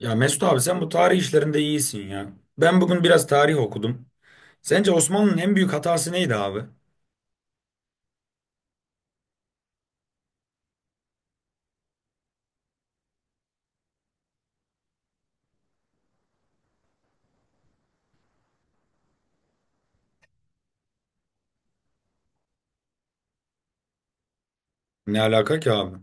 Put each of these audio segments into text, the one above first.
Ya Mesut abi, sen bu tarih işlerinde iyisin ya. Ben bugün biraz tarih okudum. Sence Osmanlı'nın en büyük hatası neydi abi? Ne alaka ki abi?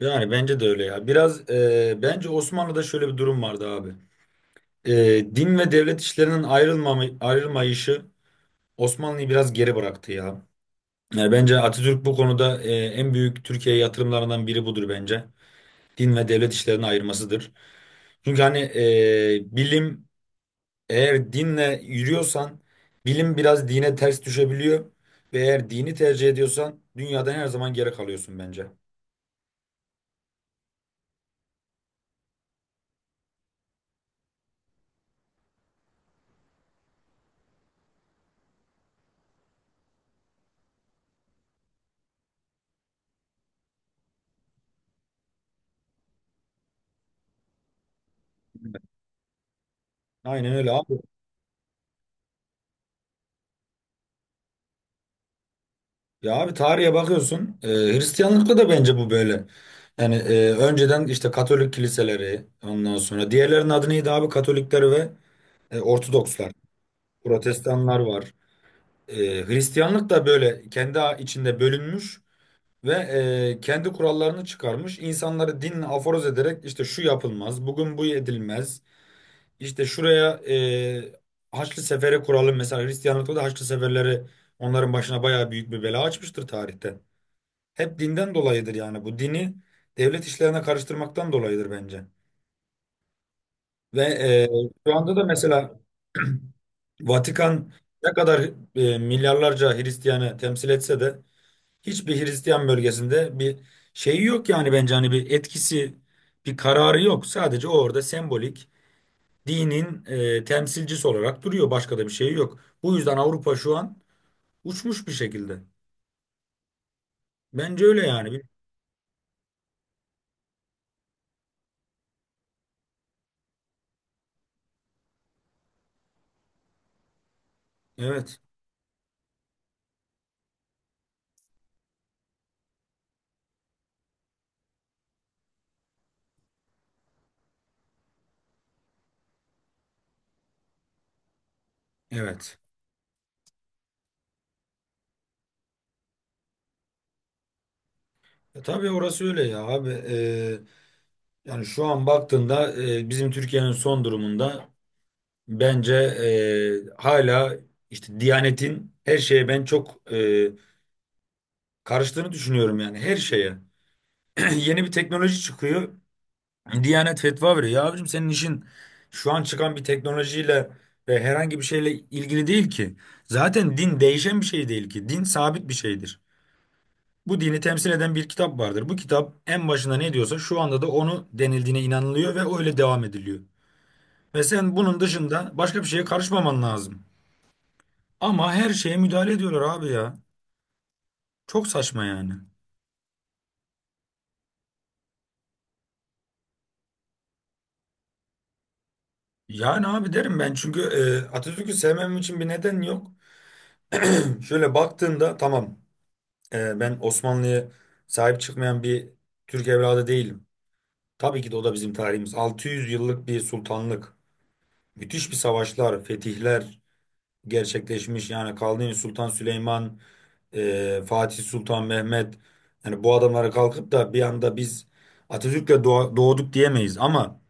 Yani bence de öyle ya. Biraz bence Osmanlı'da şöyle bir durum vardı abi. E, Din ve devlet işlerinin ayrılmayışı Osmanlı'yı biraz geri bıraktı ya. Yani bence Atatürk bu konuda en büyük Türkiye'ye yatırımlarından biri budur bence. Din ve devlet işlerini ayırmasıdır. Çünkü hani bilim, eğer dinle yürüyorsan bilim biraz dine ters düşebiliyor ve eğer dini tercih ediyorsan dünyadan her zaman geri kalıyorsun bence. Aynen öyle abi. Ya abi, tarihe bakıyorsun, Hristiyanlıkta da bence bu böyle. Yani önceden işte Katolik kiliseleri, ondan sonra diğerlerinin adı neydi abi, Katolikler ve Ortodokslar. Protestanlar var. E, Hristiyanlık da böyle kendi içinde bölünmüş. Ve kendi kurallarını çıkarmış. İnsanları dinle aforoz ederek, işte şu yapılmaz, bugün bu edilmez. İşte şuraya Haçlı Seferi kuralım. Mesela Hristiyanlıkta da Haçlı Seferleri onların başına bayağı büyük bir bela açmıştır tarihte. Hep dinden dolayıdır, yani bu dini devlet işlerine karıştırmaktan dolayıdır bence. Ve e, Şu anda da mesela Vatikan ne kadar milyarlarca Hristiyanı temsil etse de hiçbir Hristiyan bölgesinde bir şeyi yok, yani bence hani bir etkisi, bir kararı yok. Sadece o orada sembolik dinin temsilcisi olarak duruyor. Başka da bir şey yok. Bu yüzden Avrupa şu an uçmuş bir şekilde. Bence öyle yani. Evet, evet. Tabii orası öyle ya abi. Yani şu an baktığında bizim Türkiye'nin son durumunda bence hala işte Diyanet'in her şeye ben çok karıştığını düşünüyorum yani, her şeye. Yeni bir teknoloji çıkıyor. Diyanet fetva veriyor. Ya abicim, senin işin şu an çıkan bir teknolojiyle ve herhangi bir şeyle ilgili değil ki. Zaten din değişen bir şey değil ki. Din sabit bir şeydir. Bu dini temsil eden bir kitap vardır. Bu kitap en başında ne diyorsa şu anda da onu denildiğine inanılıyor ve öyle devam ediliyor. Ve sen bunun dışında başka bir şeye karışmaman lazım. Ama her şeye müdahale ediyorlar abi ya. Çok saçma yani. Yani abi, derim ben, çünkü Atatürk'ü sevmem için bir neden yok. Şöyle baktığında, tamam, ben Osmanlı'ya sahip çıkmayan bir Türk evladı değilim. Tabii ki de o da bizim tarihimiz. 600 yıllık bir sultanlık. Müthiş bir savaşlar, fetihler gerçekleşmiş. Yani Kanuni Sultan Süleyman, Fatih Sultan Mehmet. Yani bu adamlara kalkıp da bir anda biz Atatürk'le doğduk diyemeyiz. Ama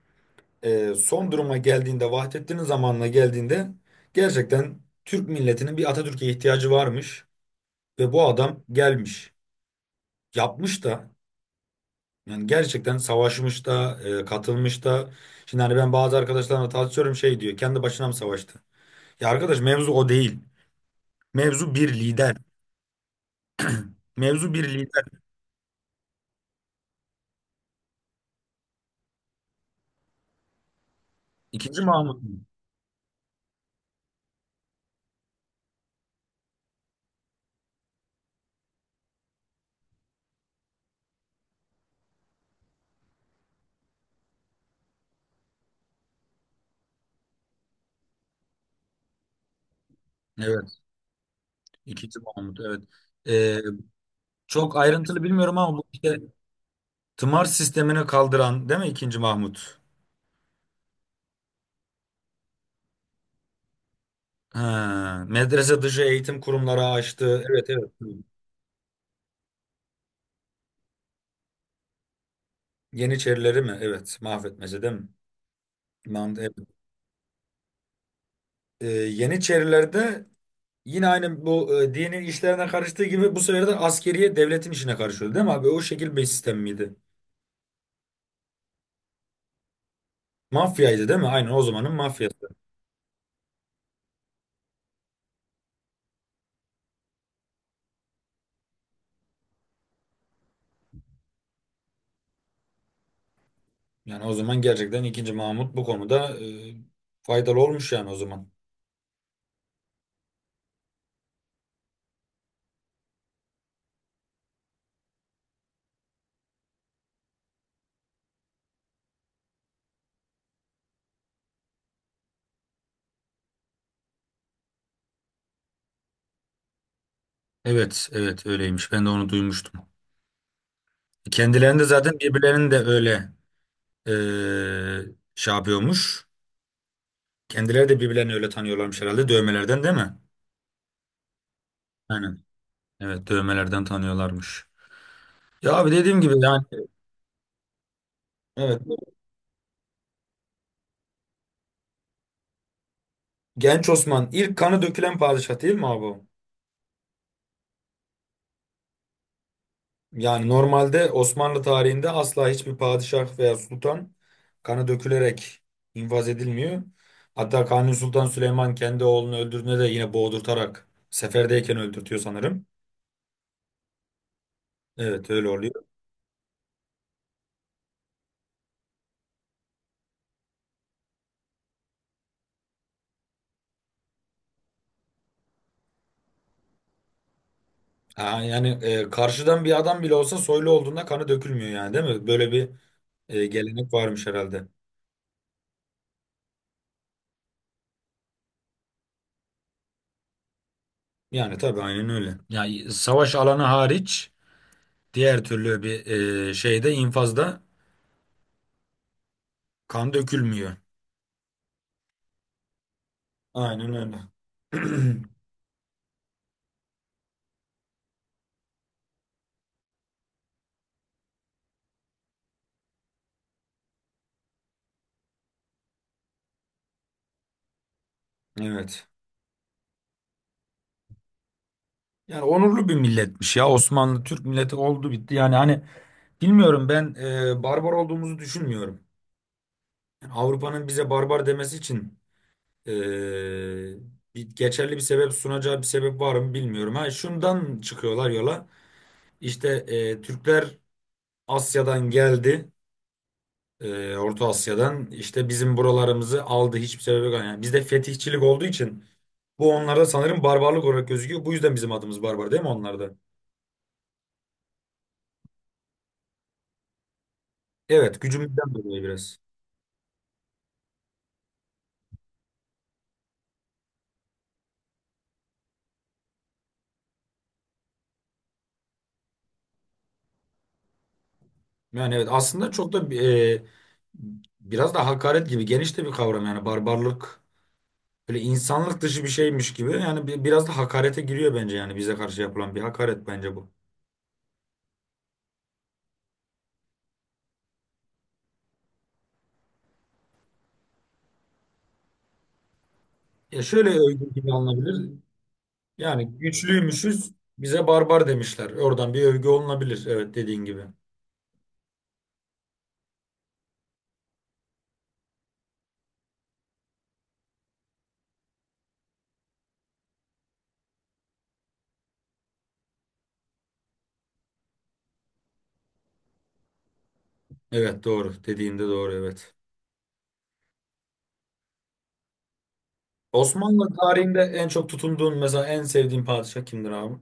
son duruma geldiğinde, Vahdettin'in zamanına geldiğinde gerçekten Türk milletinin bir Atatürk'e ihtiyacı varmış. Ve bu adam gelmiş, yapmış da, yani gerçekten savaşmış da, katılmış da. Şimdi hani ben bazı arkadaşlarımla tartışıyorum, şey diyor, kendi başına mı savaştı? Ya arkadaş, mevzu o değil. Mevzu bir lider. Mevzu bir lider. İkinci Mahmut mu? Evet. ikinci Mahmut, evet. E, Çok ayrıntılı bilmiyorum ama bu işte tımar sistemini kaldıran değil mi ikinci Mahmut? Ha, medrese dışı eğitim kurumları açtı. Evet, evet. Yeniçerileri mi? Evet. Mahvetmece değil mi? Mant, evet. Yeniçerilerde yine aynı bu dini işlerine karıştığı gibi, bu sefer de askeriye devletin işine karışıyordu değil mi abi? O şekil bir sistem miydi? Mafyaydı değil mi? Aynen, o zamanın mafyası. Yani o zaman gerçekten ikinci Mahmut bu konuda faydalı olmuş yani o zaman. Evet, evet, öyleymiş. Ben de onu duymuştum. Kendilerini de zaten, birbirlerini de öyle e, şey yapıyormuş. Kendileri de birbirlerini öyle tanıyorlarmış herhalde, dövmelerden değil mi? Aynen. Evet, dövmelerden tanıyorlarmış. Ya abi dediğim gibi yani, evet. Genç Osman ilk kanı dökülen padişah değil mi abi? Yani normalde Osmanlı tarihinde asla hiçbir padişah veya sultan kanı dökülerek infaz edilmiyor. Hatta Kanuni Sultan Süleyman kendi oğlunu öldürdüğünde de yine boğdurtarak seferdeyken öldürtüyor sanırım. Evet, öyle oluyor. Ha, yani karşıdan bir adam bile olsa soylu olduğunda kanı dökülmüyor yani, değil mi? Böyle bir gelenek varmış herhalde. Yani tabii, aynen öyle. Yani savaş alanı hariç diğer türlü bir şeyde, infazda kan dökülmüyor. Aynen öyle. Evet. Yani onurlu bir milletmiş ya, Osmanlı Türk milleti, oldu bitti. Yani hani bilmiyorum, ben barbar olduğumuzu düşünmüyorum. Yani Avrupa'nın bize barbar demesi için e, geçerli bir sebep sunacağı bir sebep var mı bilmiyorum. Ha, şundan çıkıyorlar yola. İşte Türkler Asya'dan geldi, Orta Asya'dan işte bizim buralarımızı aldı, hiçbir sebebe yok. Yani bizde fetihçilik olduğu için bu onlarda sanırım barbarlık olarak gözüküyor. Bu yüzden bizim adımız barbar değil mi onlarda? Evet, gücümüzden dolayı biraz. Yani evet, aslında çok da biraz da hakaret gibi, geniş de bir kavram yani barbarlık, böyle insanlık dışı bir şeymiş gibi yani, biraz da hakarete giriyor bence, yani bize karşı yapılan bir hakaret bence bu. Ya şöyle, övgü gibi alınabilir. Yani güçlüymüşüz, bize barbar demişler. Oradan bir övgü olunabilir, evet, dediğin gibi. Evet, doğru. Dediğinde doğru, evet. Osmanlı tarihinde en çok tutunduğun, mesela en sevdiğin padişah kimdir abi?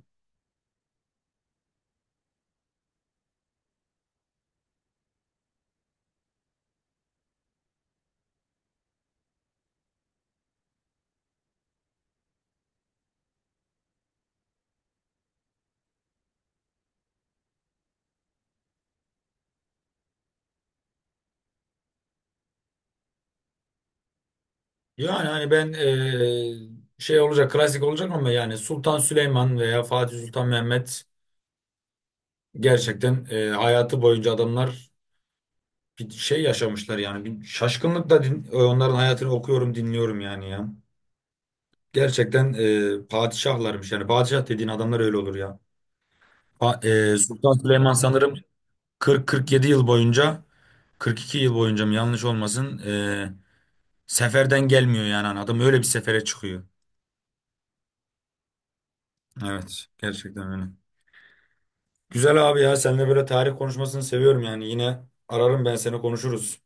Yani hani ben şey olacak, klasik olacak ama yani Sultan Süleyman veya Fatih Sultan Mehmet, gerçekten hayatı boyunca adamlar bir şey yaşamışlar, yani bir şaşkınlıkla, din, onların hayatını okuyorum, dinliyorum yani ya. Gerçekten padişahlarmış, yani padişah dediğin adamlar öyle olur ya. Pa- Sultan Süleyman sanırım 40-47 yıl boyunca, 42 yıl boyunca mı, yanlış olmasın, seferden gelmiyor, yani hani adam öyle bir sefere çıkıyor. Evet, gerçekten öyle. Güzel abi ya, seninle böyle tarih konuşmasını seviyorum yani, yine ararım ben seni, konuşuruz.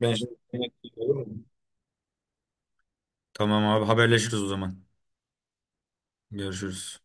Ben şimdi yemek yiyeyim, olur mu? Tamam abi, haberleşiriz o zaman. Görüşürüz.